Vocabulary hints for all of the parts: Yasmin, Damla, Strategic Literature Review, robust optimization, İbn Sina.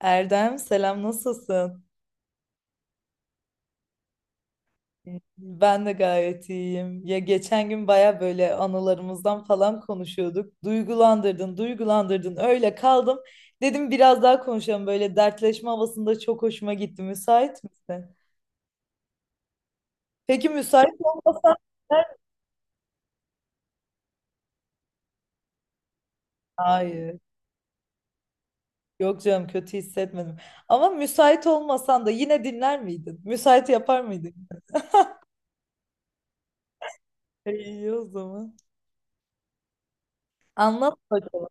Erdem selam nasılsın? Ben de gayet iyiyim. Ya geçen gün baya böyle anılarımızdan falan konuşuyorduk. Duygulandırdın, duygulandırdın. Öyle kaldım. Dedim biraz daha konuşalım. Böyle dertleşme havasında çok hoşuma gitti. Müsait misin? Peki müsait olmasan dinler miydin? Hayır. Yok canım, kötü hissetmedim. Ama müsait olmasan da yine dinler miydin? Müsait yapar mıydın? İyi o zaman. Anlat bakalım.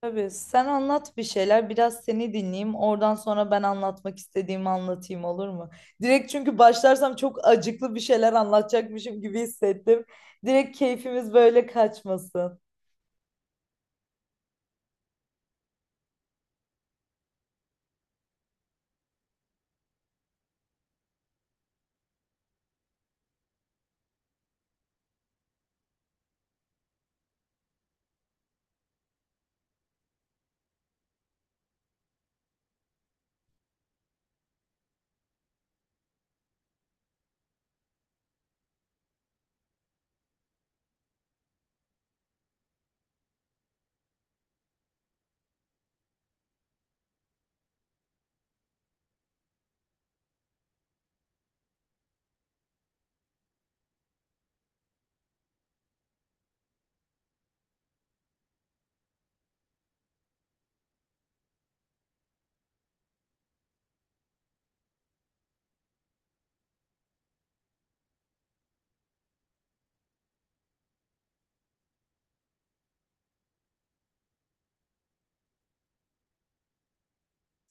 Tabii, sen anlat bir şeyler, biraz seni dinleyeyim, oradan sonra ben anlatmak istediğimi anlatayım, olur mu? Direkt çünkü başlarsam çok acıklı bir şeyler anlatacakmışım gibi hissettim. Direkt keyfimiz böyle kaçmasın.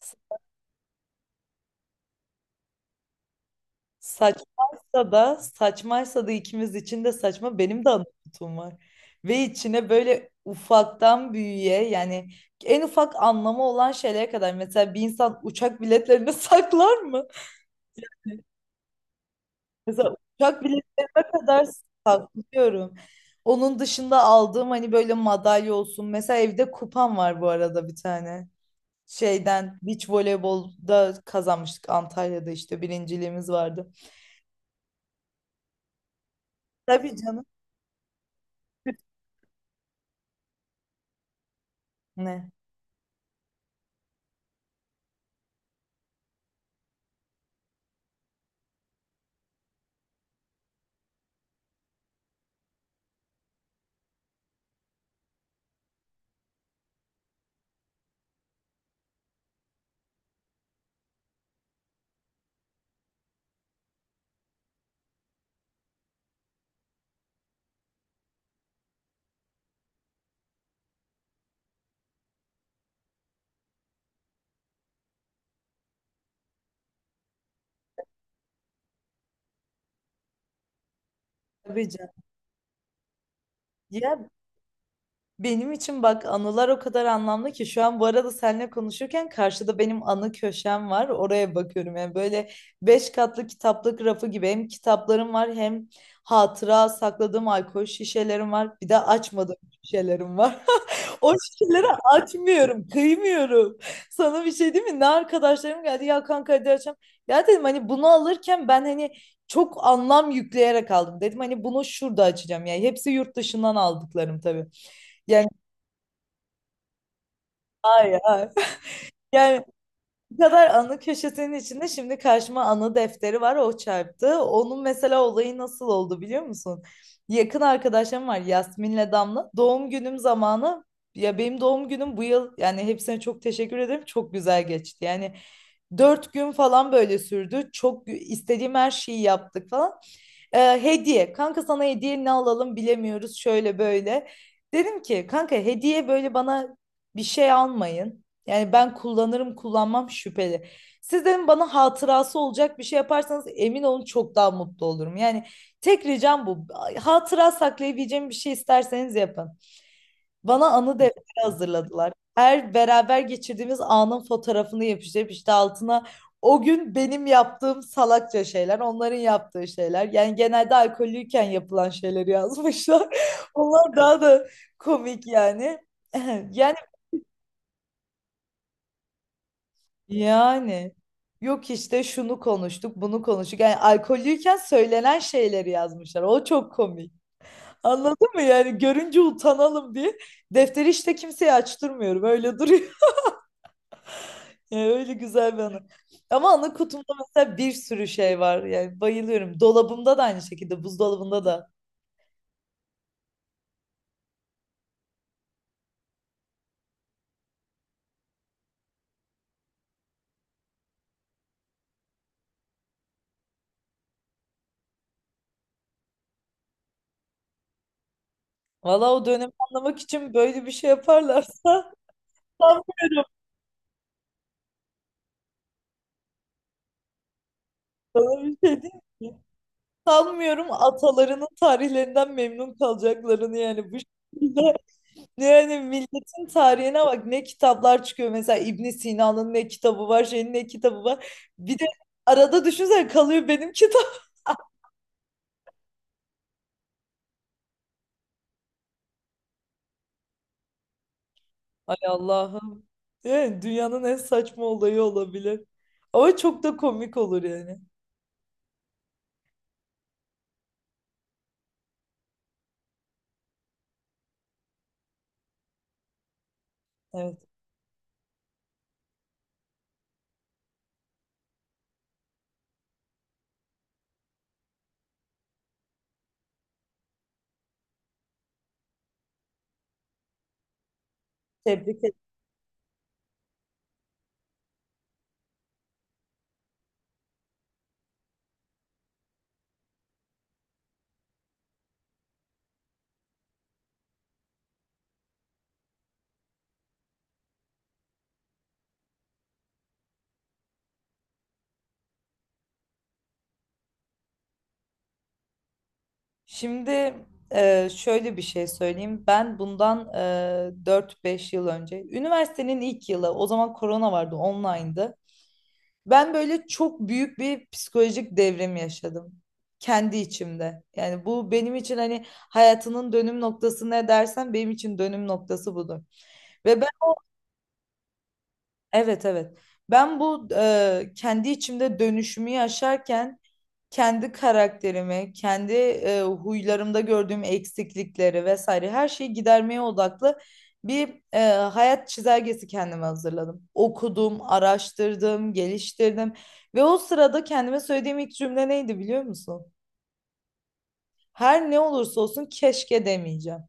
S- Saçmaysa da saçmaysa da ikimiz için de saçma, benim de anlatım var. Ve içine böyle ufaktan büyüğe, yani en ufak anlamı olan şeylere kadar, mesela bir insan uçak biletlerini saklar mı? Mesela uçak biletlerine kadar saklıyorum. Onun dışında aldığım hani böyle madalya olsun. Mesela evde kupam var bu arada, bir tane. Şeyden beach voleybolda kazanmıştık Antalya'da, işte birinciliğimiz vardı. Tabii canım. Ne? Tabii canım. Ya benim için bak anılar o kadar anlamlı ki, şu an bu arada seninle konuşurken karşıda benim anı köşem var. Oraya bakıyorum, yani böyle beş katlı kitaplık rafı gibi, hem kitaplarım var, hem hatıra sakladığım alkol şişelerim var. Bir de açmadığım şişelerim var. O şişeleri açmıyorum, kıymıyorum. Sana bir şey değil mi? Ne arkadaşlarım geldi ya, kanka hadi açalım. Ya dedim hani bunu alırken ben hani çok anlam yükleyerek aldım. Dedim hani bunu şurada açacağım, yani hepsi yurt dışından aldıklarım tabii. Yani, hayır, hayır. Yani bu kadar anı köşesinin içinde şimdi karşıma anı defteri var, o çarptı. Onun mesela olayı nasıl oldu biliyor musun? Yakın arkadaşlarım var, Yasmin'le Damla. Doğum günüm zamanı, ya benim doğum günüm bu yıl, yani hepsine çok teşekkür ederim. Çok güzel geçti. Yani 4 gün falan böyle sürdü. Çok gü- istediğim her şeyi yaptık falan. Hediye. Kanka sana hediye ne alalım bilemiyoruz, şöyle böyle. Dedim ki kanka hediye böyle bana bir şey almayın. Yani ben kullanırım kullanmam şüpheli. Siz dedim bana hatırası olacak bir şey yaparsanız emin olun çok daha mutlu olurum. Yani tek ricam bu. Hatıra saklayabileceğim bir şey isterseniz yapın. Bana anı defteri hazırladılar. Her beraber geçirdiğimiz anın fotoğrafını yapıştırıp işte altına o gün benim yaptığım salakça şeyler, onların yaptığı şeyler. Yani genelde alkollüyken yapılan şeyleri yazmışlar. Onlar daha da komik yani. Yani Yani yok işte şunu konuştuk, bunu konuştuk. Yani alkollüyken söylenen şeyleri yazmışlar. O çok komik. Anladın mı? Yani görünce utanalım diye defteri işte kimseye açtırmıyorum. Öyle duruyor. Yani öyle güzel bir anı. Ama anı kutumda mesela bir sürü şey var. Yani bayılıyorum. Dolabımda da aynı şekilde, buzdolabında da. Valla o dönemi anlamak için böyle bir şey yaparlarsa sanmıyorum. Sana bir şey diyeyim, mi? Sanmıyorum atalarının tarihlerinden memnun kalacaklarını, yani bu şekilde. Yani milletin tarihine bak, ne kitaplar çıkıyor, mesela İbn Sina'nın ne kitabı var, şeyin ne kitabı var. Bir de arada düşünsene kalıyor benim kitap. Ay Allah'ım. Yani dünyanın en saçma olayı olabilir. Ama çok da komik olur yani. Evet. Tebrik Şimdi şöyle bir şey söyleyeyim. Ben bundan 4-5 yıl önce, üniversitenin ilk yılı, o zaman korona vardı, online'dı. Ben böyle çok büyük bir psikolojik devrim yaşadım. Kendi içimde. Yani bu benim için hani hayatının dönüm noktası ne dersen benim için dönüm noktası budur. Ve ben, evet, evet. Ben bu kendi içimde dönüşümü yaşarken kendi karakterimi, kendi huylarımda gördüğüm eksiklikleri vesaire her şeyi gidermeye odaklı bir hayat çizelgesi kendime hazırladım. Okudum, araştırdım, geliştirdim ve o sırada kendime söylediğim ilk cümle neydi biliyor musun? Her ne olursa olsun keşke demeyeceğim.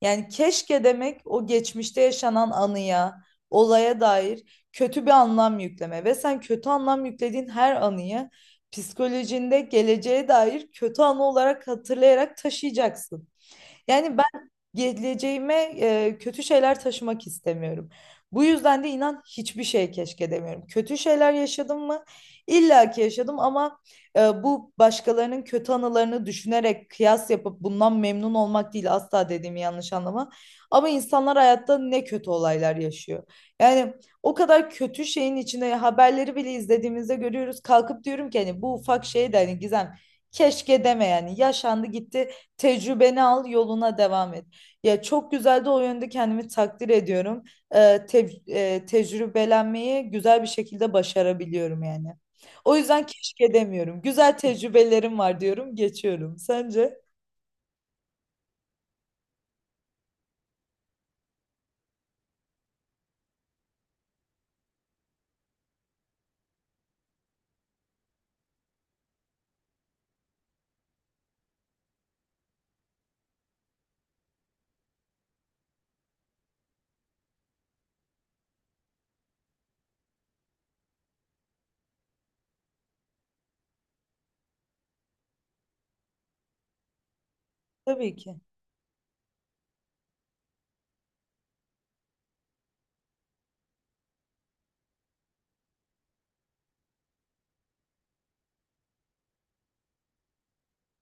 Yani keşke demek o geçmişte yaşanan anıya, olaya dair kötü bir anlam yükleme ve sen kötü anlam yüklediğin her anıyı psikolojinde geleceğe dair kötü anı olarak hatırlayarak taşıyacaksın. Yani ben geleceğime kötü şeyler taşımak istemiyorum. Bu yüzden de inan hiçbir şey keşke demiyorum. Kötü şeyler yaşadım mı? İlla ki yaşadım ama bu başkalarının kötü anılarını düşünerek kıyas yapıp bundan memnun olmak değil asla, dediğimi yanlış anlama. Ama insanlar hayatta ne kötü olaylar yaşıyor. Yani o kadar kötü şeyin içine haberleri bile izlediğimizde görüyoruz. Kalkıp diyorum ki hani bu ufak şey de hani Gizem, keşke deme, yani yaşandı gitti. Tecrübeni al, yoluna devam et. Ya çok güzel de, o yönde kendimi takdir ediyorum. Tecrübelenmeyi güzel bir şekilde başarabiliyorum yani. O yüzden keşke demiyorum. Güzel tecrübelerim var diyorum, geçiyorum. Sence? Tabii ki.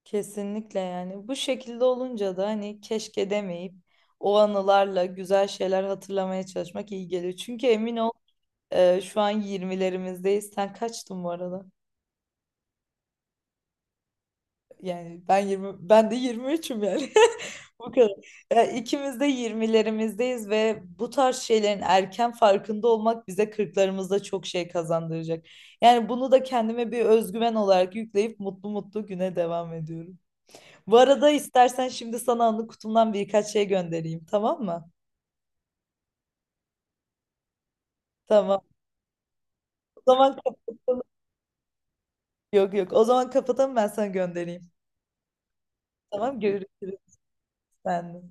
Kesinlikle yani. Bu şekilde olunca da hani keşke demeyip o anılarla güzel şeyler hatırlamaya çalışmak iyi geliyor. Çünkü emin ol şu an 20'lerimizdeyiz. Sen kaçtın bu arada? Yani ben 20, ben de 23'üm yani. Bu kadar. Yani ikimiz de 20'lerimizdeyiz ve bu tarz şeylerin erken farkında olmak bize 40'larımızda çok şey kazandıracak. Yani bunu da kendime bir özgüven olarak yükleyip mutlu mutlu güne devam ediyorum. Bu arada istersen şimdi sana anı kutumdan birkaç şey göndereyim, tamam mı? Tamam. O zaman kapatalım. Yok yok. O zaman kapatalım, ben sana göndereyim. Tamam, görüşürüz. Sen de.